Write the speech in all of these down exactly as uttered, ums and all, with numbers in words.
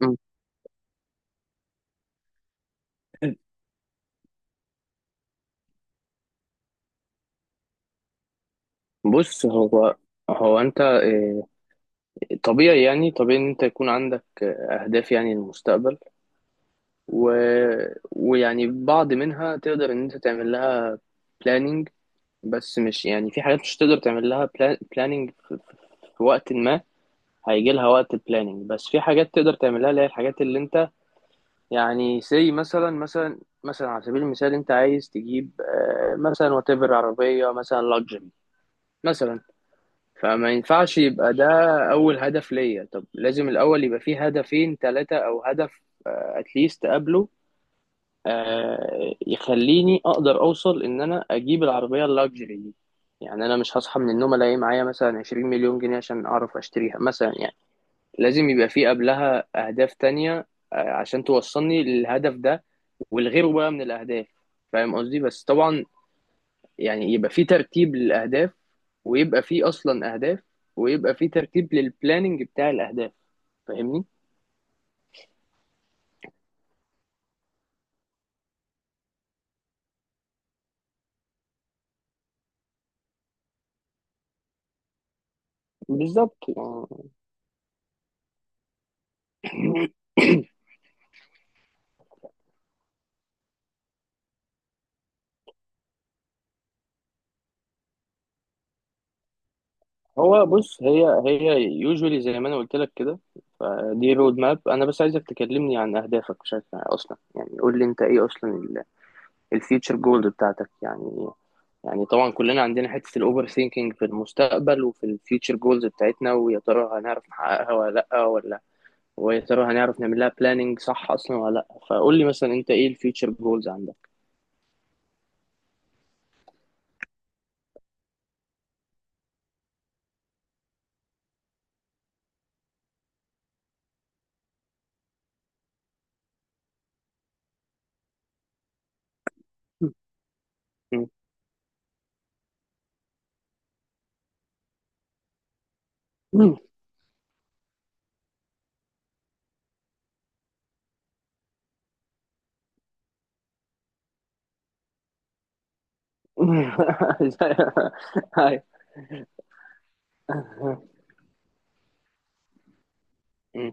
مم. بص هو هو انت آه، طبيعي يعني طبيعي ان انت يكون عندك آه، اهداف يعني للمستقبل و... ويعني بعض منها تقدر ان انت تعمل لها planning بس مش يعني في حاجات مش تقدر تعمل لها بلا- planning في وقت ما هيجي لها وقت planning، بس في حاجات تقدر تعملها اللي هي الحاجات اللي انت يعني زي مثلا مثلا مثلا على سبيل المثال انت عايز تجيب آه، مثلا وتبر عربية مثلا luxury مثلا. فما ينفعش يبقى ده أول هدف ليا، طب لازم الأول يبقى فيه هدفين ثلاثة أو هدف أتليست قبله آه يخليني أقدر أوصل إن أنا أجيب العربية اللاكجري دي. يعني أنا مش هصحى من النوم ألاقي معايا مثلا 20 مليون جنيه عشان أعرف أشتريها مثلا يعني. لازم يبقى فيه قبلها أهداف تانية آه عشان توصلني للهدف ده، والغيره بقى من الأهداف. فاهم قصدي؟ بس طبعا يعني يبقى فيه ترتيب للأهداف، ويبقى فيه اصلا اهداف، ويبقى فيه ترتيب للبلاننج بتاع الاهداف. فاهمني؟ بالظبط يعني. هو بص هي هي يوجولي زي ما انا قلت لك كده. فدي رود ماب. انا بس عايزك تكلمني عن اهدافك بشكل اصلا، يعني قول لي انت ايه اصلا الفيوتشر جولز بتاعتك يعني. يعني طبعا كلنا عندنا حته الاوفر ثينكينج في المستقبل وفي الفيوتشر جولز بتاعتنا، ويا ترى هنعرف نحققها ولا لا ولا، ويا ترى هنعرف نعمل لها بلاننج صح اصلا ولا لا. فقول لي مثلا انت ايه الفيوتشر جولز عندك. مم. مم. هاي. مم.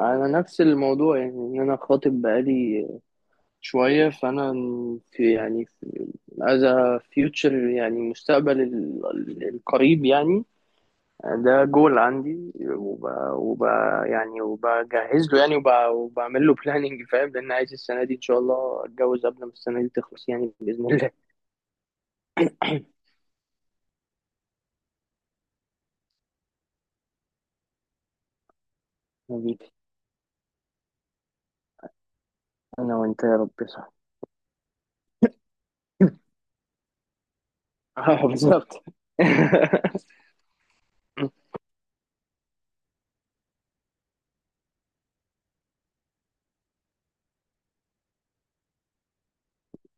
انا نفس الموضوع، يعني ان انا خاطب بقالي شويه. فانا في يعني في از فيوتشر، يعني المستقبل ال- ال- القريب يعني. ده جول عندي، وب... وب... يعني وبجهز له يعني، وب... وبعمل له بلاننج، فاهم؟ لان عايز السنه دي ان شاء الله اتجوز قبل ما السنه دي تخلص يعني باذن الله. حبيبي، انا وانت يا رب، صح. اه بالظبط.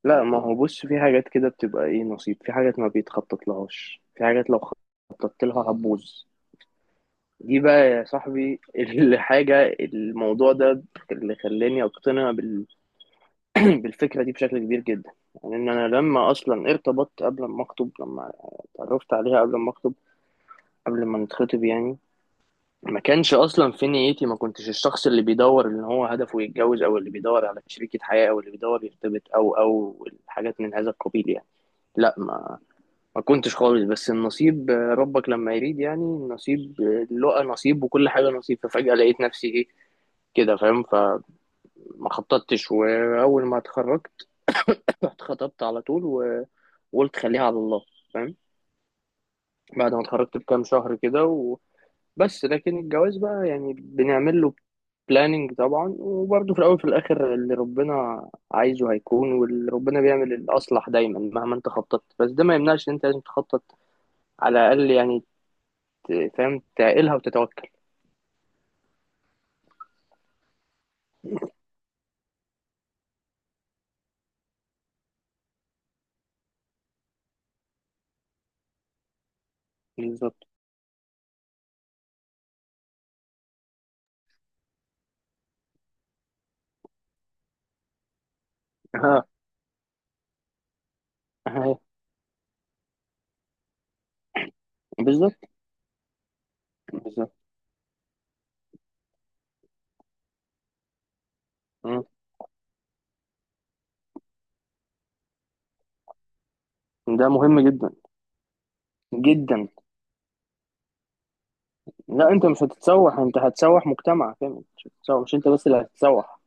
لا ما هو بص، في حاجات كده بتبقى ايه نصيب، في حاجات ما بيتخطط لهاش، في حاجات لو خططت لها هتبوظ. دي بقى يا صاحبي الحاجة، الموضوع ده اللي خلاني أقتنع بال... بالفكرة دي بشكل كبير جدا. يعني إن أنا لما أصلا ارتبطت، قبل ما أخطب، لما اتعرفت عليها قبل ما أخطب قبل ما نتخطب يعني، ما كانش أصلا في نيتي، ما كنتش الشخص اللي بيدور إن هو هدفه يتجوز، أو اللي بيدور على شريكة حياة، أو اللي بيدور يرتبط، أو أو الحاجات من هذا القبيل يعني. لا ما ما كنتش خالص، بس النصيب آه، ربك لما يريد يعني. النصيب آه، لقى نصيب، وكل حاجة نصيب. ففجأة لقيت نفسي إيه كده، فاهم؟ فما خططتش، وأول ما اتخرجت اتخطبت على طول و- وقلت خليها على الله. فاهم؟ بعد ما اتخرجت بكام شهر كده وبس. لكن الجواز بقى يعني بنعمل له بلاننج طبعا، وبرضه في الاول وفي الاخر اللي ربنا عايزه هيكون، واللي ربنا بيعمل الاصلح دايما مهما انت خططت. بس ده ما يمنعش ان انت لازم تخطط على الاقل يعني، ت- فاهم، تعقلها وتتوكل. بالظبط. ها. ها. بالظبط. بالظبط. مم. ده مهم جدا. جدا. لا انت مش هتتسوح، انت هتسوح مجتمع، فاهم؟ مش هتتسوح، مش انت بس اللي هتتسوح.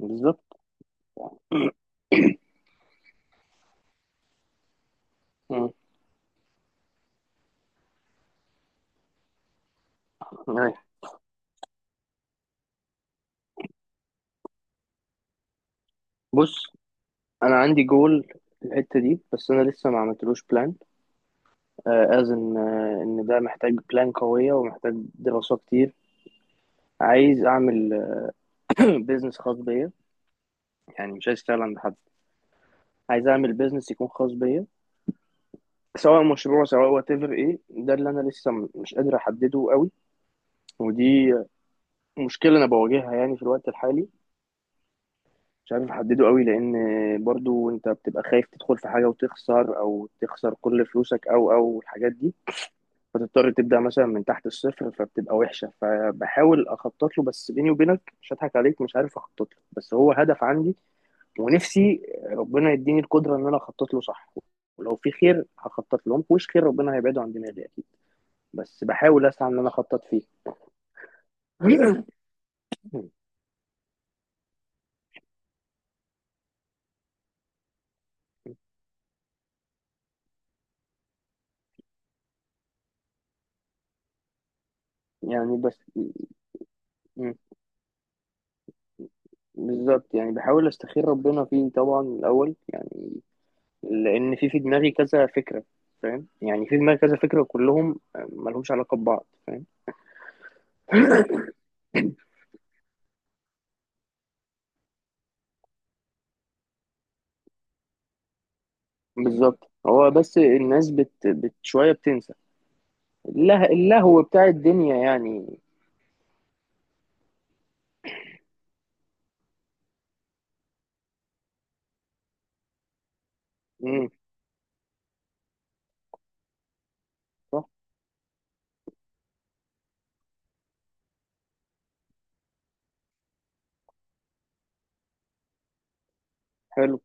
بالظبط. مم. أيوة. بص، انا عندي جول في الحته دي بس انا لسه ما عملتلوش بلان. از ان آه، ان ده محتاج بلان قويه ومحتاج دراسه كتير. عايز اعمل بيزنس خاص بيا. يعني مش عايز اشتغل عند حد، عايز اعمل بيزنس يكون خاص بيا، سواء مشروع سواء وات ايفر. ايه ده اللي انا لسه م- مش قادر احدده قوي. ودي مشكله انا بواجهها يعني في الوقت الحالي، مش عارف احدده قوي، لان برضو انت بتبقى خايف تدخل في حاجه وتخسر، او تخسر كل فلوسك، او او الحاجات دي. فتضطر تبدأ مثلا من تحت الصفر، فبتبقى وحشة. فبحاول أخطط له، بس بيني وبينك مش هضحك عليك، مش عارف أخطط له، بس هو هدف عندي. ونفسي ربنا يديني القدرة إن أنا أخطط له صح، ولو في خير هخطط له، مفيهوش خير ربنا هيبعده عن دماغي أكيد. بس بحاول أسعى إن أنا أخطط فيه. يعني بس م- بالظبط يعني، بحاول أستخير ربنا فيه طبعا الأول يعني. لأن في في دماغي كذا فكرة، فاهم؟ يعني في دماغي كذا فكرة كلهم ملهمش علاقة ببعض، فاهم؟ بالظبط. هو بس الناس بت, بت شوية بتنسى. الله، اللهو بتاع الدنيا يعني. امم. صح. حلو.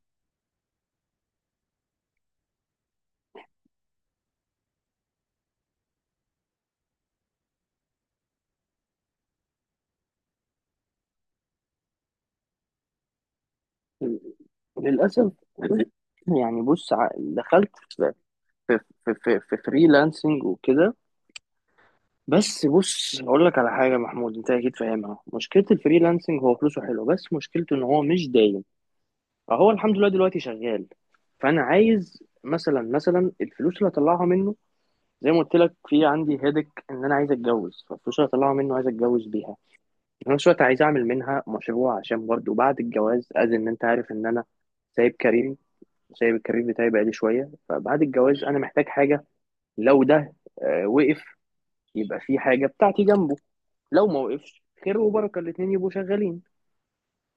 للأسف يعني بص، ع- دخلت في في في في, في فريلانسنج وكده. بس بص هقول لك على حاجة محمود، انت اكيد فاهمها. مشكلة الفريلانسنج هو فلوسه حلو، بس مشكلته ان هو مش دايم. فهو الحمد لله دلوقتي شغال. فانا عايز مثلا مثلا الفلوس اللي هطلعها منه، زي ما قلت لك في عندي هيدك ان انا عايز اتجوز، فالفلوس اللي هطلعها منه عايز اتجوز بيها. في نفس الوقت عايز اعمل منها مشروع، عشان برضه بعد الجواز از ان انت عارف ان انا سايب كاريري، سايب الكارير بتاعي بقالي شويه. فبعد الجواز انا محتاج حاجه، لو ده آه، وقف يبقى في حاجه بتاعتي جنبه، لو ما وقفش خير وبركه، الاتنين يبقوا شغالين.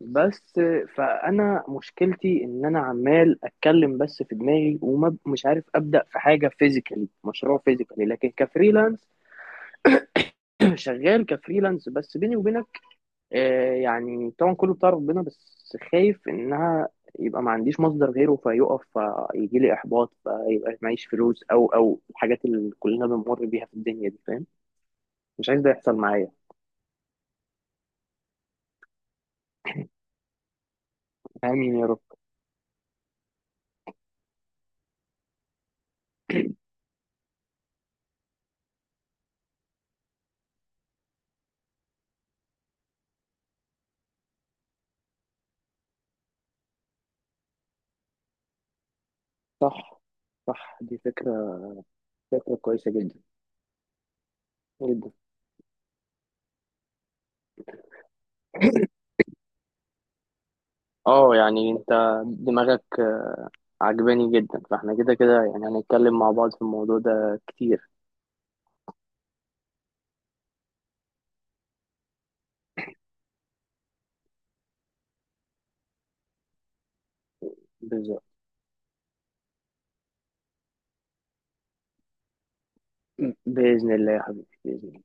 بس آه، فانا مشكلتي ان انا عمال اتكلم بس في دماغي، ومش عارف ابدا في حاجه فيزيكالي، مشروع فيزيكالي، لكن كفريلانس شغال كفريلانس. بس بيني وبينك آه، يعني طبعا كله بتاع ربنا، بس خايف انها يبقى ما عنديش مصدر غيره فيقف، فيجي لي احباط، فيبقى معيش فلوس، او او الحاجات اللي كلنا بنمر بيها في الدنيا دي، فاهم؟ مش عايز ده يحصل معايا. امين يا رب. صح. صح دي فكرة. فكرة كويسة جدا. جدا. اه يعني انت دماغك عجباني جدا. فاحنا كده كده يعني هنتكلم مع بعض في الموضوع ده كتير. بالظبط. بإذن الله يا حبيبي بإذن الله.